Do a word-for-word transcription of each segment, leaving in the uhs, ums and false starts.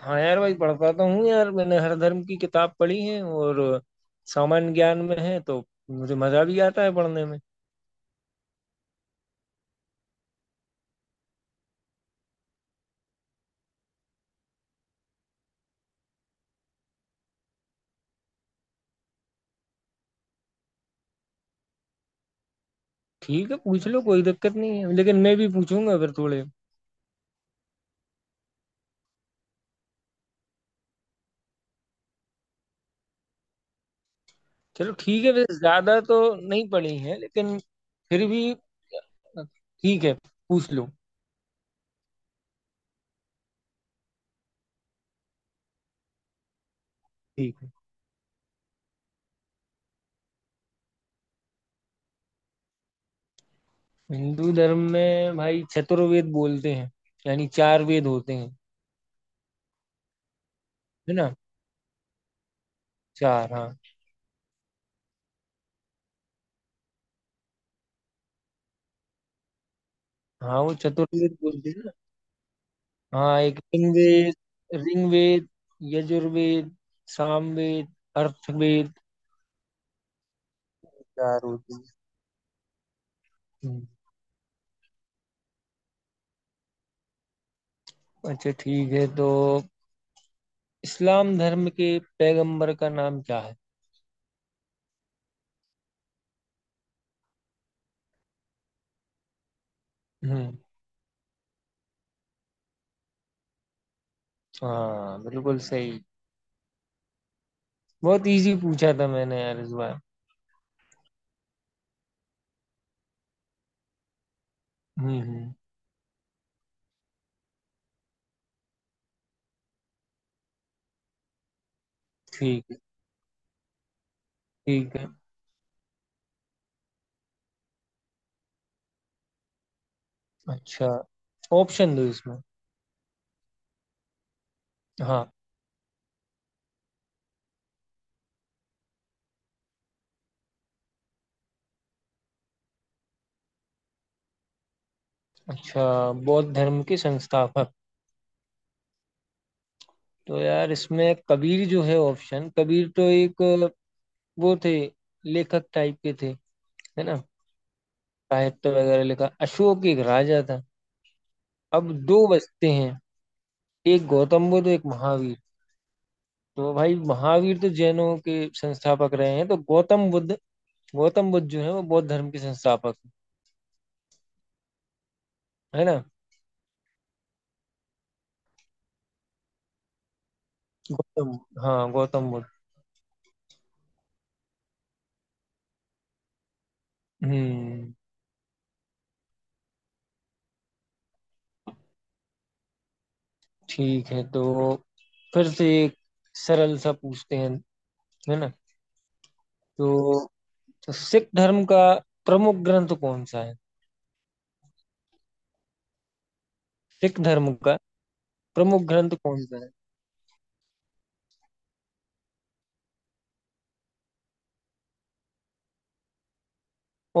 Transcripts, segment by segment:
हाँ यार भाई पढ़ता तो हूँ यार मैंने हर धर्म की किताब पढ़ी है और सामान्य ज्ञान में है तो मुझे मजा भी आता है पढ़ने में। ठीक है पूछ लो कोई दिक्कत नहीं है लेकिन मैं भी पूछूंगा फिर थोड़े। चलो ठीक है वैसे ज्यादा तो नहीं पढ़ी है लेकिन फिर भी ठीक है पूछ लो। ठीक है। हिंदू धर्म में भाई चतुर्वेद बोलते हैं यानी चार वेद होते हैं है ना। चार हाँ। हाँ वो चतुर्वेद बोलते हैं। हाँ एक ऋग्वेद ऋग्वेद यजुर्वेद, सामवेद, अर्थवेद। चार होते हैं। हम्म। अच्छा ठीक है तो इस्लाम धर्म के पैगंबर का नाम क्या है? हम्म। हाँ बिल्कुल सही। बहुत इजी पूछा था मैंने यार इस बार। हम्म हम्म। ठीक है। ठीक है। अच्छा ऑप्शन दो इसमें। हाँ। अच्छा बौद्ध धर्म के संस्थापक। तो यार इसमें कबीर जो है ऑप्शन कबीर तो एक वो थे लेखक टाइप के थे है ना। साहित्य वगैरह लिखा, अशोक एक राजा था। अब दो बचते हैं एक गौतम बुद्ध एक महावीर। तो भाई महावीर तो जैनों के संस्थापक रहे हैं तो गौतम बुद्ध, गौतम बुद्ध जो है वो बौद्ध धर्म के संस्थापक है ना। गौतम हाँ गौतम बुद्ध। हम्म। ठीक है तो फिर से एक सरल सा पूछते हैं है ना। तो, तो सिख धर्म का प्रमुख ग्रंथ कौन सा है? सिख धर्म का प्रमुख ग्रंथ कौन सा है?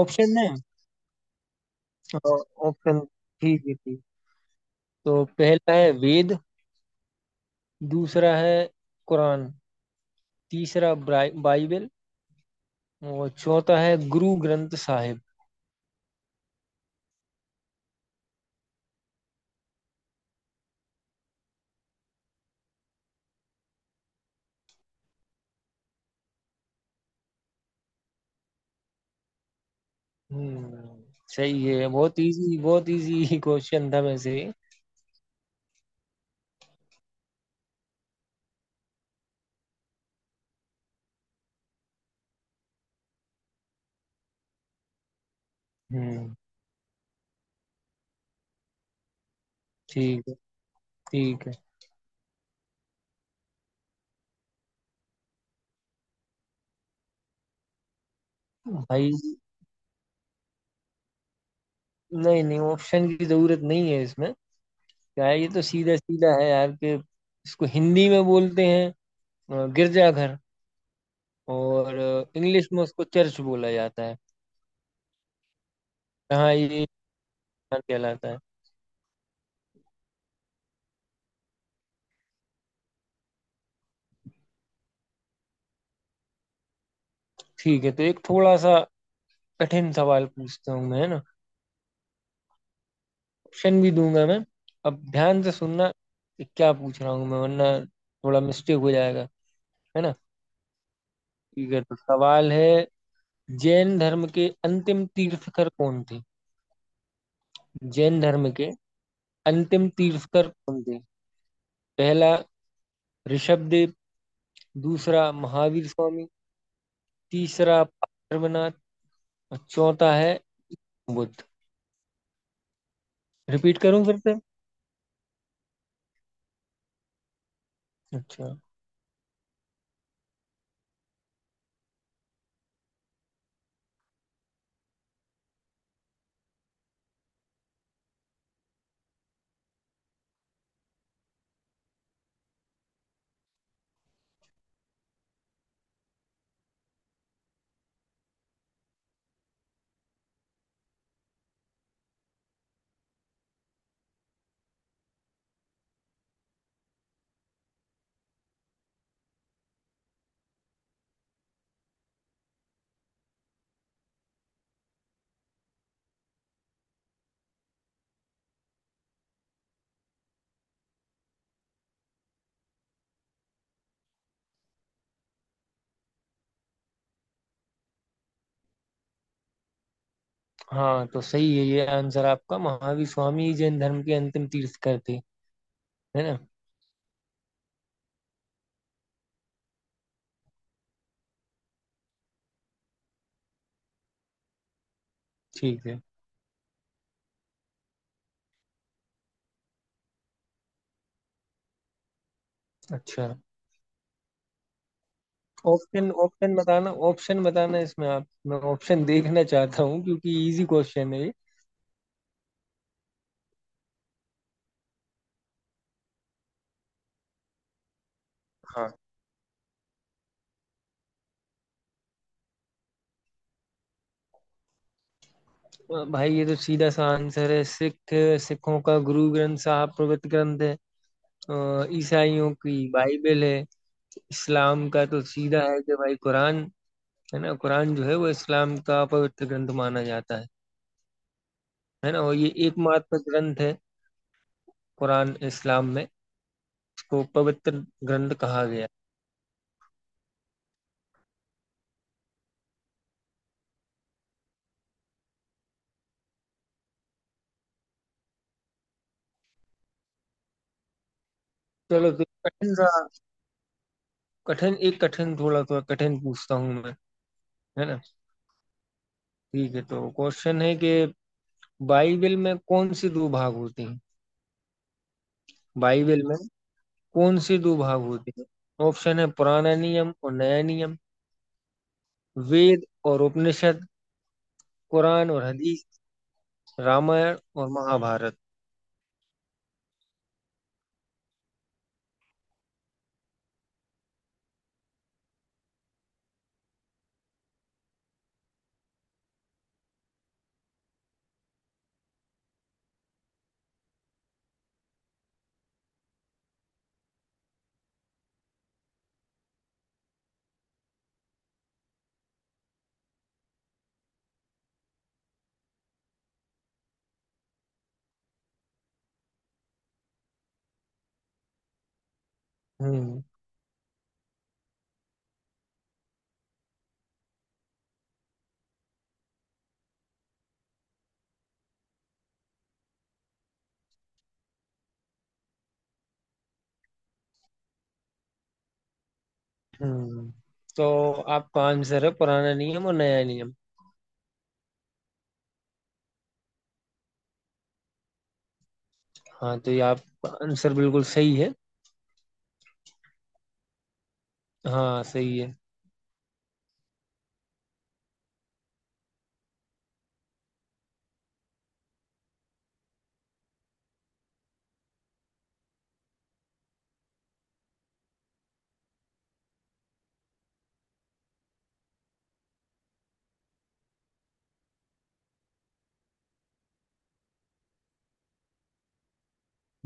ऑप्शन है। ऑप्शन। ठीक है ठीक। तो पहला है वेद, दूसरा है कुरान, तीसरा ब्राइ- बाइबल और चौथा है गुरु ग्रंथ साहिब। हम्म। सही है, बहुत इजी बहुत इजी क्वेश्चन था वैसे। हम्म। ठीक है। ठीक है भाई नहीं नहीं ऑप्शन की जरूरत नहीं है इसमें। क्या है ये तो सीधा सीधा है यार कि इसको हिंदी में बोलते हैं अ, गिरजाघर और इंग्लिश में उसको चर्च बोला जाता है। हाँ ये ध्यान कहलाता है। ठीक है तो एक थोड़ा सा कठिन सवाल पूछता हूँ मैं है ना। ऑप्शन भी दूंगा मैं। अब ध्यान से सुनना कि क्या पूछ रहा हूँ मैं वरना थोड़ा मिस्टेक हो जाएगा है ना। ठीक है तो सवाल है जैन धर्म के अंतिम तीर्थकर कौन थे? जैन धर्म के अंतिम तीर्थकर कौन थे? पहला ऋषभदेव, दूसरा महावीर स्वामी, तीसरा पार्वनाथ और चौथा है बुद्ध। रिपीट करूं फिर से? अच्छा। हाँ तो सही है, ये आंसर आपका महावीर स्वामी ही जैन धर्म के अंतिम तीर्थकर थे है ना। ठीक है। अच्छा ऑप्शन ऑप्शन बताना, ऑप्शन बताना इसमें, आप मैं ऑप्शन देखना चाहता हूँ क्योंकि इजी क्वेश्चन है ये। हाँ। अ, भाई ये तो सीधा सा आंसर है सिख। सिखों का गुरु ग्रंथ साहब पवित्र ग्रंथ है। अ, ईसाइयों की बाइबल है। इस्लाम का तो सीधा है कि भाई कुरान है ना। कुरान जो है वो इस्लाम का पवित्र ग्रंथ माना जाता है। है ना, और ये एकमात्र ग्रंथ है कुरान इस्लाम में, इसको पवित्र ग्रंथ कहा गया। चलो तो कठिन सा कठिन एक कठिन थोड़ा थोड़ा कठिन पूछता हूँ मैं है ना। ठीक है तो क्वेश्चन है कि बाइबल में कौन सी दो भाग होते हैं? बाइबल में कौन सी दो भाग होते हैं? ऑप्शन है पुराना नियम और नया नियम, वेद और उपनिषद, कुरान और हदीस, रामायण और महाभारत। हम्म हम्म। तो आपका आंसर है पुराना नियम और नया नियम। हाँ तो ये आपका आंसर बिल्कुल सही है। हाँ सही है।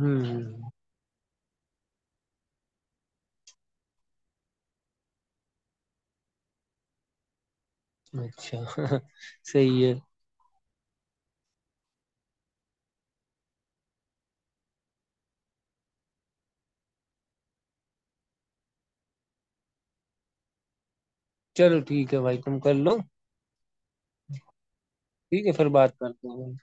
हम्म। अच्छा सही है। चलो ठीक है भाई तुम कर लो। ठीक है फिर बात करते हैं।